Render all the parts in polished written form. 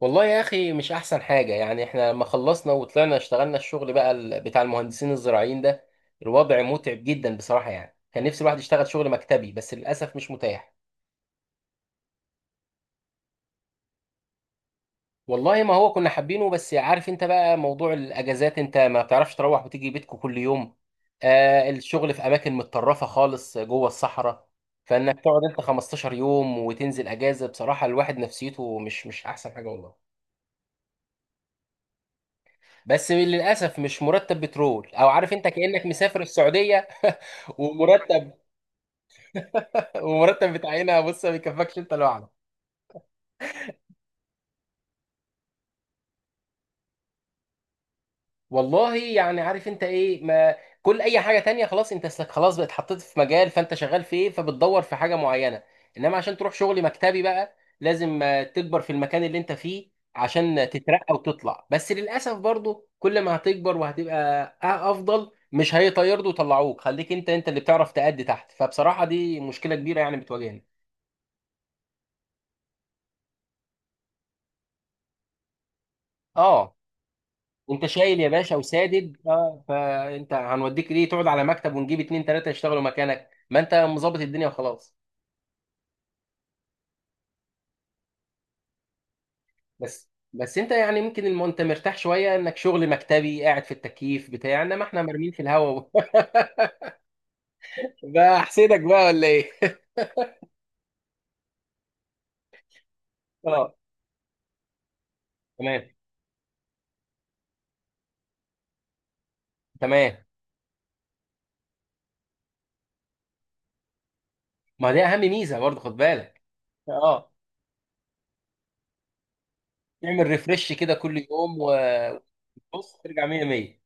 والله يا اخي، مش احسن حاجه. يعني احنا لما خلصنا وطلعنا اشتغلنا الشغل بقى بتاع المهندسين الزراعيين ده. الوضع متعب جدا بصراحه. يعني كان نفسي الواحد يشتغل شغل مكتبي، بس للاسف مش متاح. والله ما هو كنا حابينه، بس عارف انت بقى موضوع الاجازات، انت ما بتعرفش تروح وتيجي بيتكم كل يوم. الشغل في اماكن متطرفه خالص جوه الصحراء. فانك تقعد انت 15 يوم وتنزل اجازه، بصراحه الواحد نفسيته مش احسن حاجه والله. بس للاسف مش مرتب بترول، او عارف انت كانك مسافر السعوديه. ومرتب ومرتب بتاع هنا، بص ما بيكفكش انت لوحدك. والله يعني عارف انت ايه ما. كل اي حاجه تانية خلاص، انت خلاص بقت حطيت في مجال فانت شغال فيه، فبتدور في حاجه معينه. انما عشان تروح شغل مكتبي بقى لازم تكبر في المكان اللي انت فيه عشان تترقى وتطلع. بس للاسف برضو كل ما هتكبر وهتبقى افضل، مش هيطيروا ويطلعوك. خليك انت اللي بتعرف تأدي تحت، فبصراحه دي مشكله كبيره يعني بتواجهني. اه، انت شايل يا باشا وسادد، فانت هنوديك ليه تقعد على مكتب ونجيب اتنين تلاته يشتغلوا مكانك؟ ما انت مظبط الدنيا وخلاص. بس انت يعني ممكن انت مرتاح شويه انك شغل مكتبي قاعد في التكييف بتاع، انما احنا مرميين في الهواء. بقى احسدك بقى، ولا ايه؟ اه. تمام، تمام. ما دي اهم ميزه برضه، خد بالك. اه. تعمل ريفرش كده كل يوم. وبص ترجع 100 100.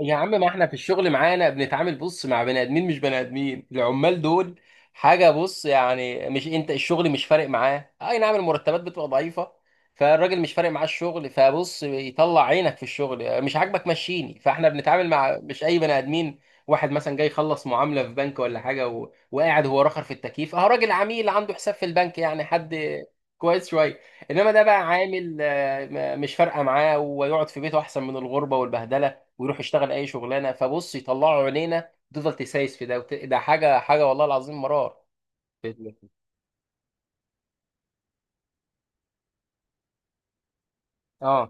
يا عم، ما احنا في الشغل معانا بنتعامل بص مع بني ادمين، مش بني ادمين العمال دول. حاجه، بص يعني مش انت الشغل مش فارق معاه. اي نعم المرتبات بتبقى ضعيفه. فالراجل مش فارق معاه الشغل، فبص يطلع عينك في الشغل، مش عاجبك مشيني. فاحنا بنتعامل مع مش اي بني ادمين. واحد مثلا جاي يخلص معامله في بنك ولا حاجه وقاعد هو رخر في التكييف. اه راجل عميل عنده حساب في البنك يعني حد كويس شويه. انما ده بقى عامل مش فارقه معاه ويقعد في بيته، احسن من الغربه والبهدله. ويروح يشتغل اي شغلانه، فبص يطلعوا عينينا تفضل تسايس في ده ده حاجه حاجه، والله العظيم مرار. في- اه.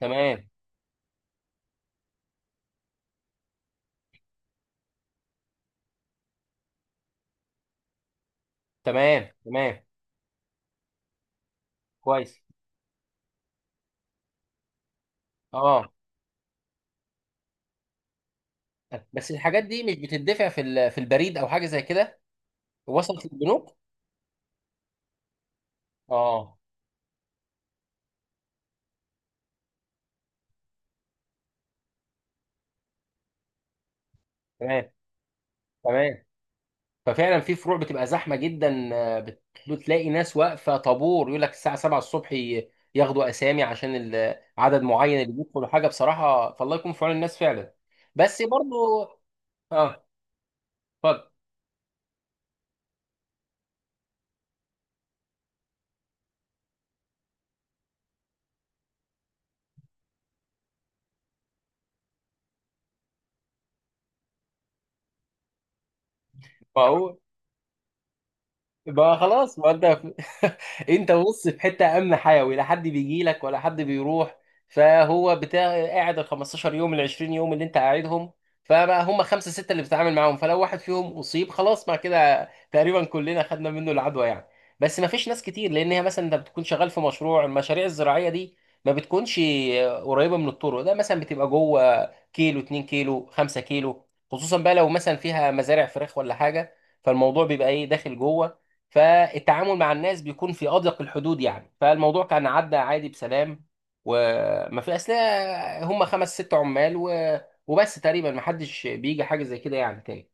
تمام، تمام، تمام. كويس. اه، بس الحاجات دي مش بتدفع في في البريد او حاجه زي كده؟ وصلت للبنوك؟ اه. تمام، تمام. ففعلا في فروع بتبقى زحمه جدا. بتلاقي ناس واقفه طابور، يقول لك الساعه 7 الصبح ياخدوا اسامي عشان عدد معين اللي بيدخلوا. حاجه بصراحه، فالله يكون في عون الناس فعلا. بس برضو. اه، اتفضل. ما هو بقى خلاص، ما انت انت بص في حته امن حيوي، لا حد بيجي لك ولا حد بيروح. فهو بتاع قاعد ال 15 يوم ال 20 يوم اللي انت قاعدهم. فبقى هم خمسه سته اللي بتتعامل معاهم، فلو واحد فيهم اصيب خلاص مع كده تقريبا كلنا خدنا منه العدوى يعني. بس ما فيش ناس كتير، لان هي مثلا انت بتكون شغال في مشروع المشاريع الزراعيه دي. ما بتكونش قريبه من الطرق. ده مثلا بتبقى جوه، كيلو 2 كيلو 5 كيلو. خصوصا بقى لو مثلا فيها مزارع فراخ ولا حاجه، فالموضوع بيبقى ايه، داخل جوه. فالتعامل مع الناس بيكون في أضيق الحدود، يعني فالموضوع كان عدى عادي بسلام. وما في أصل، هم خمس ست عمال وبس تقريبا. ما حدش بيجي حاجة زي كده يعني تاني.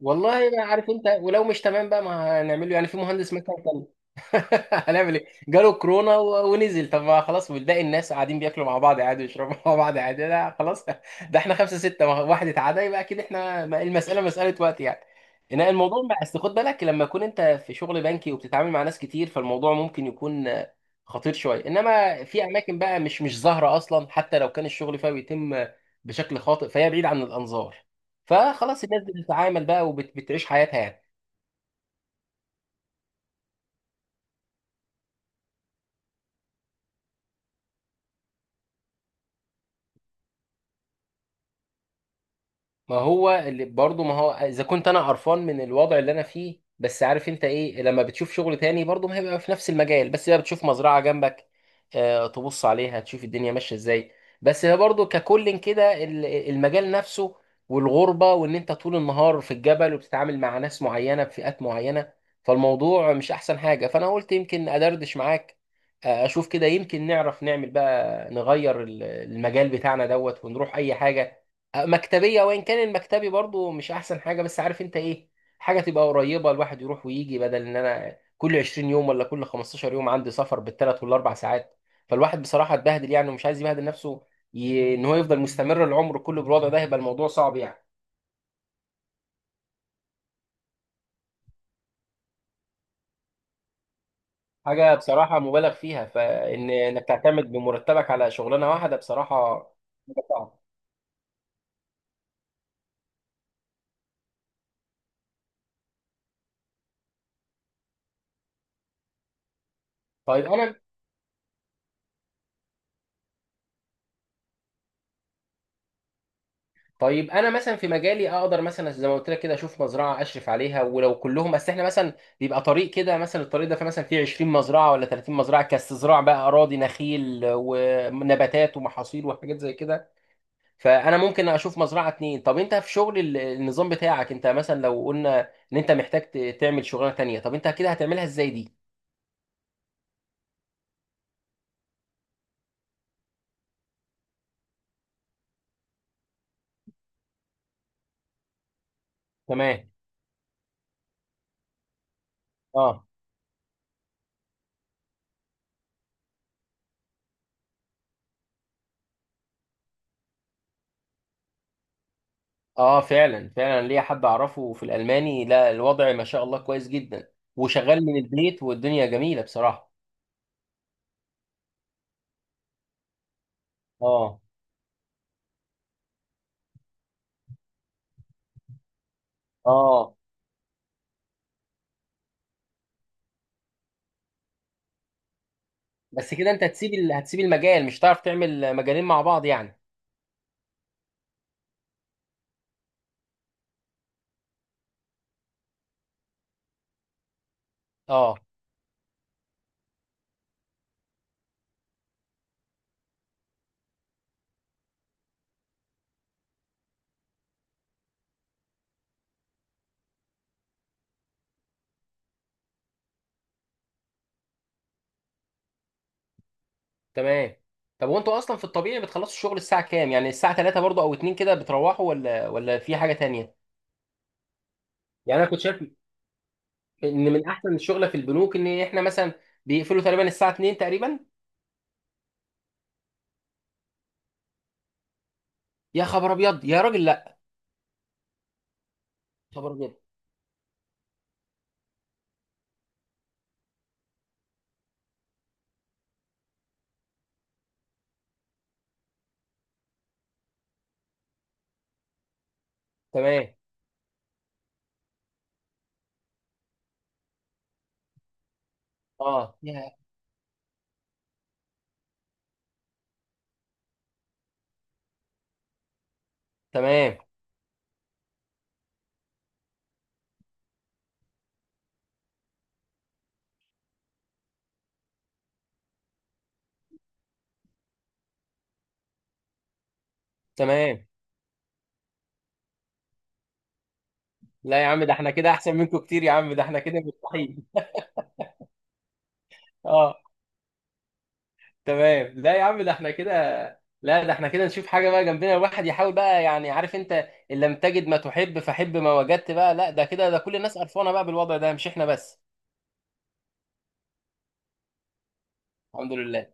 والله ما عارف انت، ولو مش تمام بقى ما هنعمله يعني. في مهندس مثلا كان هنعمل ايه؟ جاله كورونا ونزل. طب ما خلاص. والباقي الناس قاعدين بياكلوا مع بعض عادي ويشربوا مع بعض عادي. لا خلاص. ده احنا خمسة ستة، واحد اتعدى يبقى اكيد احنا، المسألة مسألة وقت يعني. ان الموضوع بقى اصل خد بالك، لما يكون انت في شغل بنكي وبتتعامل مع ناس كتير، فالموضوع ممكن يكون خطير شوية. انما في اماكن بقى مش ظاهرة اصلا، حتى لو كان الشغل فيها بيتم بشكل خاطئ، فهي بعيد عن الانظار. فخلاص الناس بتتعامل بقى وبتعيش حياتها يعني. ما هو اللي برضه، ما هو اذا كنت انا قرفان من الوضع اللي انا فيه، بس عارف انت ايه، لما بتشوف شغل تاني برضه ما هيبقى في نفس المجال. بس بقى بتشوف مزرعه جنبك، تبص عليها تشوف الدنيا ماشيه ازاي. بس هي برضه ككل كده المجال نفسه، والغربه، وان انت طول النهار في الجبل وبتتعامل مع ناس معينه بفئات معينه. فالموضوع مش احسن حاجه، فانا قلت يمكن ادردش معاك. اشوف كده، يمكن نعرف نعمل بقى نغير المجال بتاعنا دوت، ونروح اي حاجه مكتبية. وإن كان المكتبي برضو مش أحسن حاجة، بس عارف أنت إيه. حاجة تبقى قريبة، الواحد يروح ويجي، بدل إن أنا كل 20 يوم ولا كل 15 يوم عندي سفر بالثلاث والأربع ساعات. فالواحد بصراحة اتبهدل يعني، ومش عايز يبهدل نفسه. إن هو يفضل مستمر العمر كله بالوضع ده، هيبقى الموضوع صعب يعني. حاجة بصراحة مبالغ فيها، فإن إنك تعتمد بمرتبك على شغلانة واحدة بصراحة حاجة صعبة. طيب أنا. طيب انا مثلا في مجالي اقدر مثلا زي ما قلت لك كده، اشوف مزرعه اشرف عليها ولو كلهم. بس احنا مثلا بيبقى طريق كده، مثلا الطريق ده فيه مثلا فيه 20 مزرعه ولا 30 مزرعه كاستزراع بقى اراضي نخيل ونباتات ومحاصيل وحاجات زي كده. فانا ممكن اشوف مزرعه اتنين. طب انت في شغل النظام بتاعك، انت مثلا لو قلنا ان انت محتاج تعمل شغلانه تانيه، طب انت كده هتعملها ازاي دي؟ تمام. اه، اه. فعلا، فعلا، ليا حد اعرفه في الالماني، لا الوضع ما شاء الله كويس جدا. وشغال من البيت، والدنيا جميله بصراحه. اه، اه. بس كده انت هتسيب هتسيب المجال، مش هتعرف تعمل مجالين مع بعض يعني. اه، تمام. طب وانتوا اصلا في الطبيعي بتخلصوا الشغل الساعه كام؟ يعني الساعه 3 برضو او 2 كده بتروحوا ولا في حاجه تانية؟ يعني انا كنت شايف ان من احسن الشغله في البنوك ان احنا مثلا بيقفلوا تقريبا الساعه 2 تقريبا. يا خبر ابيض يا راجل، لا، يا خبر ابيض! تمام. اه يا، تمام، تمام. لا يا عم، ده احنا كده احسن منكم كتير، يا عم ده احنا كده مستحيل. اه، تمام. لا يا عم، ده احنا كده. لا، ده احنا كده نشوف حاجة بقى جنبنا، الواحد يحاول بقى يعني عارف انت. ان لم تجد ما تحب فحب ما وجدت بقى. لا ده كده، ده كل الناس قرفانة بقى بالوضع ده مش احنا بس. الحمد لله.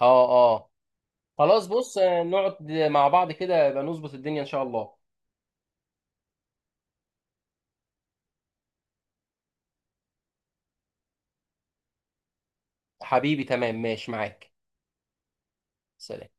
اه، اه. خلاص بص، نقعد مع بعض كده يبقى نظبط الدنيا ان شاء الله. حبيبي تمام، ماشي معاك. سلام.